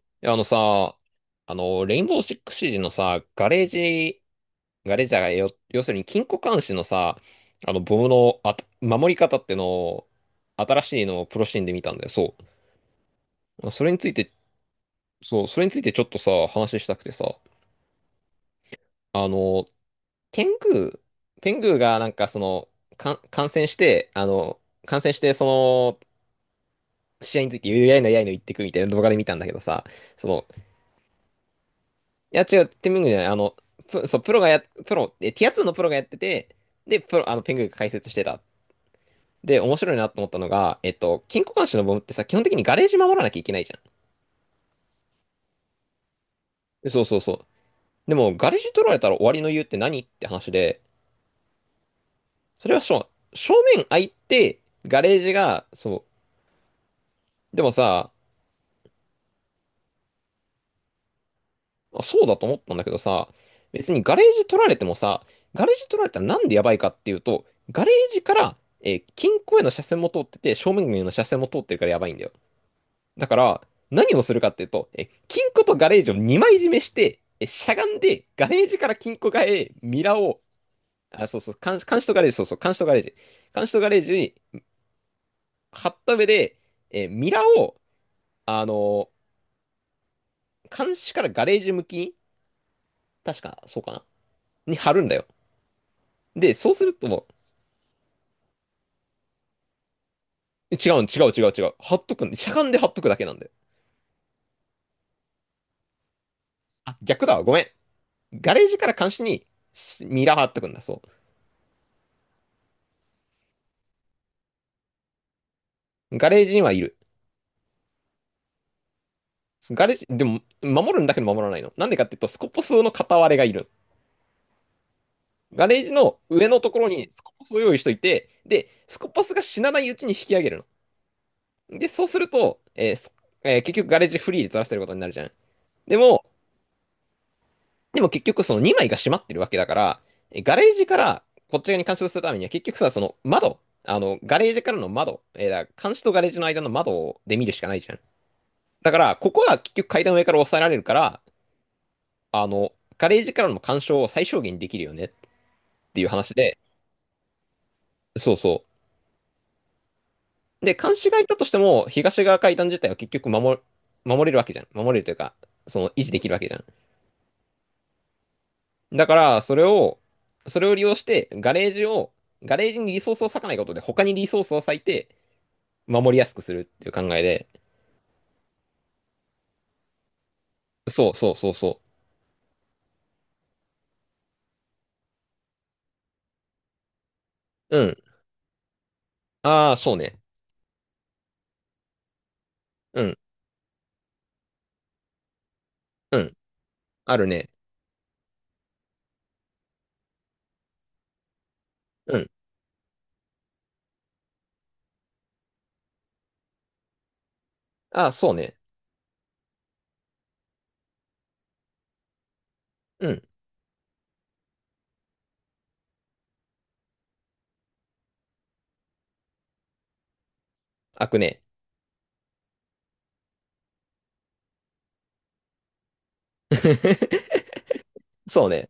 いや、あのさ、あの、レインボーシックスシージのさ、ガレージャーがよ、要するに金庫監視のさ、ボムのあた、守り方ってのを、新しいのをプロシーンで見たんだよ、そう。それについて、そう、それについてちょっとさ、話したくてさ、あの、天狗、天狗がなんかその、感染して、感染して、その、試合について、やいのやいの言ってくみたいな動画で見たんだけどさ、その、いや、違う、ティムングじゃない。そう、プロ、え、ティア2のプロがやってて、で、プロ、あの、ペングが解説してた。で、面白いなと思ったのが、えっと、金庫監視の部分ってさ、基本的にガレージ守らなきゃいけないじゃん。そうそうそう。でも、ガレージ取られたら終わりの理由って何って話で、それはしょ正面開いて、ガレージが、そう。でもさ、あそうだと思ったんだけどさ、別にガレージ取られてもさ、ガレージ取られたらなんでやばいかっていうと、ガレージから金庫への車線も通ってて、正面への車線も通ってるからやばいんだよ。だから、何をするかっていうと、え金庫とガレージを2枚締めして、えしゃがんで、ガレージから金庫側へミラーを、あ、そうそう、監視とガレージ、そうそう、監視とガレージ、監視とガレージに貼った上で、えミラーを、あの監視からガレージ向きに、確か、そうかな、に貼るんだよ。で、そうすると、違う。貼っとくんしゃがんで貼っとくだけなんだよ。あ、逆だわ。ごめん。ガレージから監視にミラー貼っとくんだ。そう。ガレージにはいる。ガレージ、でも、守るんだけど守らないの。なんでかっていうと、スコポスの片割れがいる。ガレージの上のところにスコポスを用意しといて、で、スコポスが死なないうちに引き上げるの。で、そうすると、結局ガレージフリーで取らせることになるじゃん。でも、でも結局その2枚が閉まってるわけだから、えガレージからこっち側に監視をするためには結局さ、その窓、あの、ガレージからの窓、えーだから監視とガレージの間の窓で見るしかないじゃん。だから、ここは結局階段上から抑えられるから、あの、ガレージからの干渉を最小限できるよねっていう話で、そうそう。で、監視がいたとしても、東側階段自体は結局守、守れるわけじゃん。守れるというか、その維持できるわけじゃん。だから、それを利用して、ガレージにリソースを割かないことで、他にリソースを割いて、守りやすくするっていう考えで。そうそうそうそう。うん。ああ、そうね。うん。うん。あるね。うん。ああ、そうね。うん。開くね。そうね。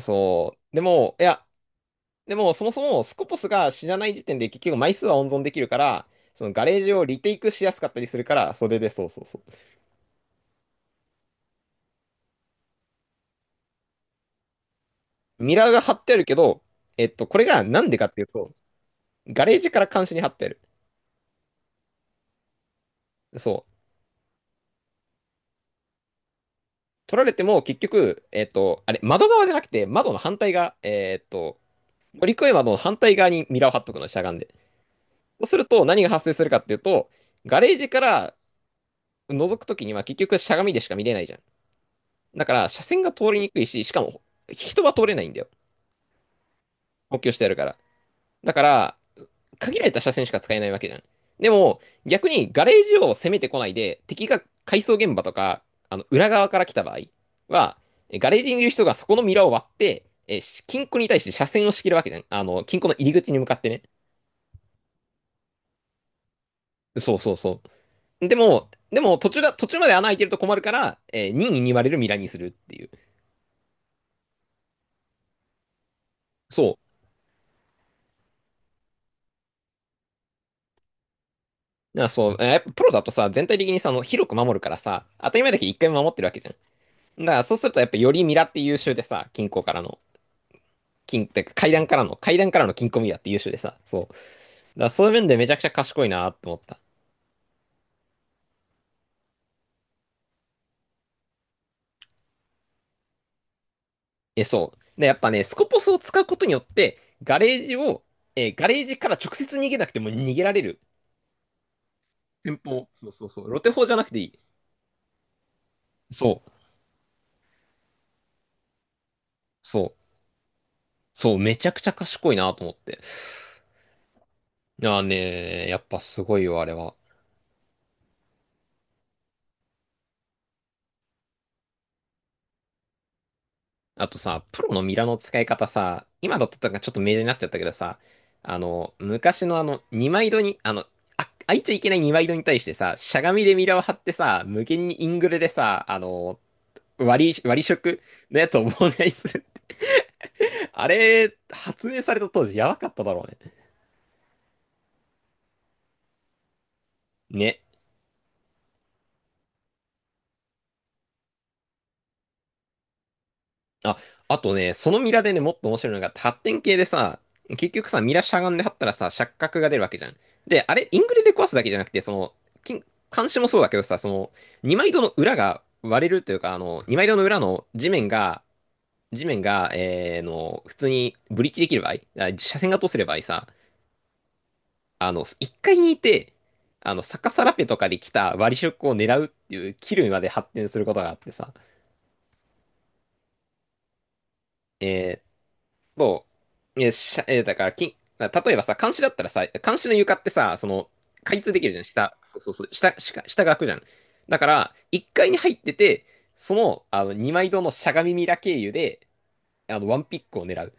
そう。でも、そもそもスコポスが知らない時点で結局枚数は温存できるから、そのガレージをリテイクしやすかったりするから、それでそうそうそう。ミラーが貼ってあるけど、えっと、これがなんでかっていうと、ガレージから監視に貼ってる。そう。取られても結局、えっと、あれ、窓側じゃなくて、窓の反対側、えっと、乗り越え窓の反対側にミラーを貼っとくの、しゃがんで。そうすると、何が発生するかっていうと、ガレージから覗くときには結局しゃがみでしか見れないじゃん。だから、車線が通りにくいし、しかも、人は通れないんだよ。補強してやるから。だから、限られた車線しか使えないわけじゃん。でも、逆にガレージを攻めてこないで、敵が改装現場とか、あの、裏側から来た場合は、ガレージにいる人がそこのミラーを割って、え、金庫に対して車線を仕切るわけじゃん。あの、金庫の入り口に向かってね。そうそうそう。でも、途中まで穴開いてると困るから、えー、任意に割れるミラーにするっていう。そう。だからそう、やっぱプロだとさ、全体的にさ、あの、広く守るからさ、当たり前だけど一回も守ってるわけじゃん。だからそうするとやっぱよりミラって優秀でさ、金庫からの。てか階段からの、階段からの金庫ミラーって優秀でさ、そう。だからそういう面でめちゃくちゃ賢いなって思った。え、そう。で、やっぱね、スコポスを使うことによって、ガレージから直接逃げなくても逃げられる。戦法。そうそうそう。ロテ法じゃなくていい。そう。そう。そう。めちゃくちゃ賢いなと思って。いやね、やっぱすごいよ、あれは。あとさ、プロのミラの使い方さ、今だとなんかちょっと明示になっちゃったけどさ、あの、昔のあの、二枚戸に、あ、開いちゃいけない二枚戸に対してさ、しゃがみでミラを張ってさ、無限にイングレでさ、あの、割り食のやつを妨害するって。あれ、発明された当時やばかっただろうね。ね。あ、あとね、そのミラでね、もっと面白いのが、発展系でさ、結局さ、ミラしゃがんで張ったらさ、錯覚が出るわけじゃん。で、あれ、イングレで壊すだけじゃなくて、その、金監視もそうだけどさ、その、二枚戸の裏が割れるというか、あの、二枚戸の裏の地面が、地面が、えーの、普通にブリキできる場合、あ車線が通せる場合さ、あの、一階にいて、あの、逆さラペとかで来た割り色を狙うっていう、キルまで発展することがあってさ、えーそう。え、しゃ、え、だから、き、例えばさ、監視だったらさ、監視の床ってさ、その、開通できるじゃん、下。そうそうそう、下が開くじゃん。だから、1階に入ってて、2枚堂のしゃがみミラ経由で、あの、ワンピックを狙う。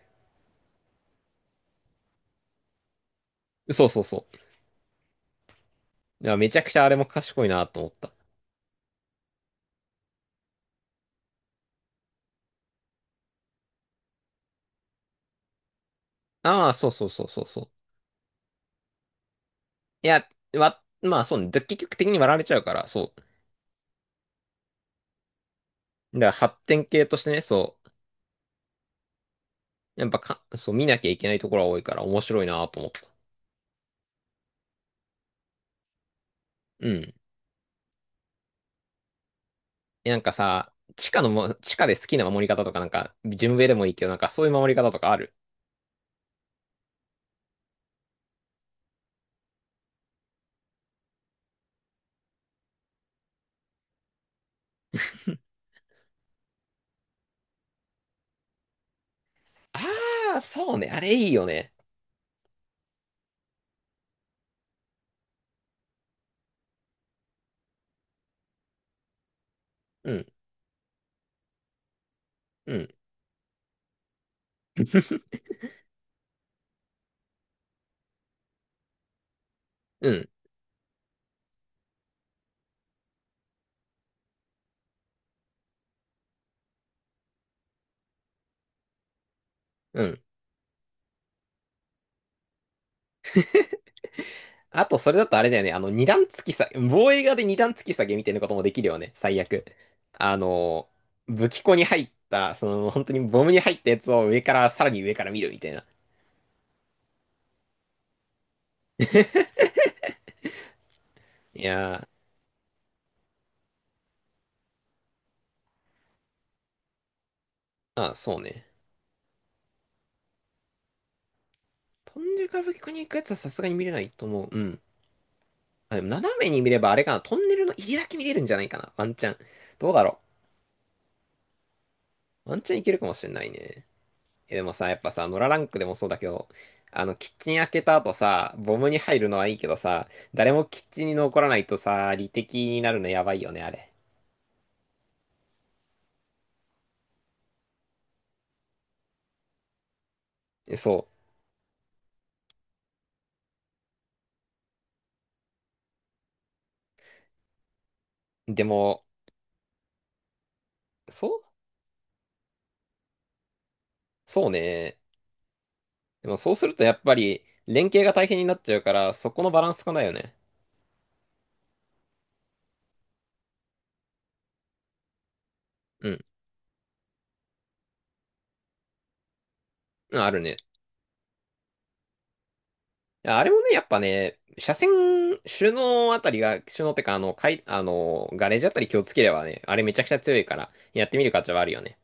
そうそうそう。だからめちゃくちゃあれも賢いなと思った。ああ、そうそうそうそうそう。いや、まあそうね、で結局的に割られちゃうから、そう。だから発展系としてね、そう。やっぱか、そう、見なきゃいけないところは多いから面白いなと思った。うん。なんかさ、地下で好きな守り方とか、なんか、順上でもいいけど、なんかそういう守り方とかある。ああ、そうね。あれいいよね。うん、うん、うん、うん。あと、それだとあれだよね。あの、二段突き下げ、防衛側で二段突き下げみたいなこともできるよね。最悪。あの、武器庫に入った、その、本当にボムに入ったやつを上から、さらに上から見るみたいな。いやー、ああ、そうね。飛んでから武器庫に行くやつはさすがに見れないと思う。うん。あ、でも斜めに見ればあれかな。トンネルの入りだけ見れるんじゃないかな。ワンチャン。どうだろう。ワンチャンいけるかもしれないね。え、でもさ、やっぱさ、ノラランクでもそうだけど、あの、キッチン開けた後さ、ボムに入るのはいいけどさ、誰もキッチンに残らないとさ、理敵になるのやばいよね、あれ。えそう。そうそうね。でもそうするとやっぱり、連携が大変になっちゃうから、そこのバランスかないよね。うん。うんあるね。やあれもね、やっぱね、車線、首脳あたりが、首脳ってか、あの、かい、あの、ガレージあたり気をつければね、あれめちゃくちゃ強いから、やってみる価値はあるよね。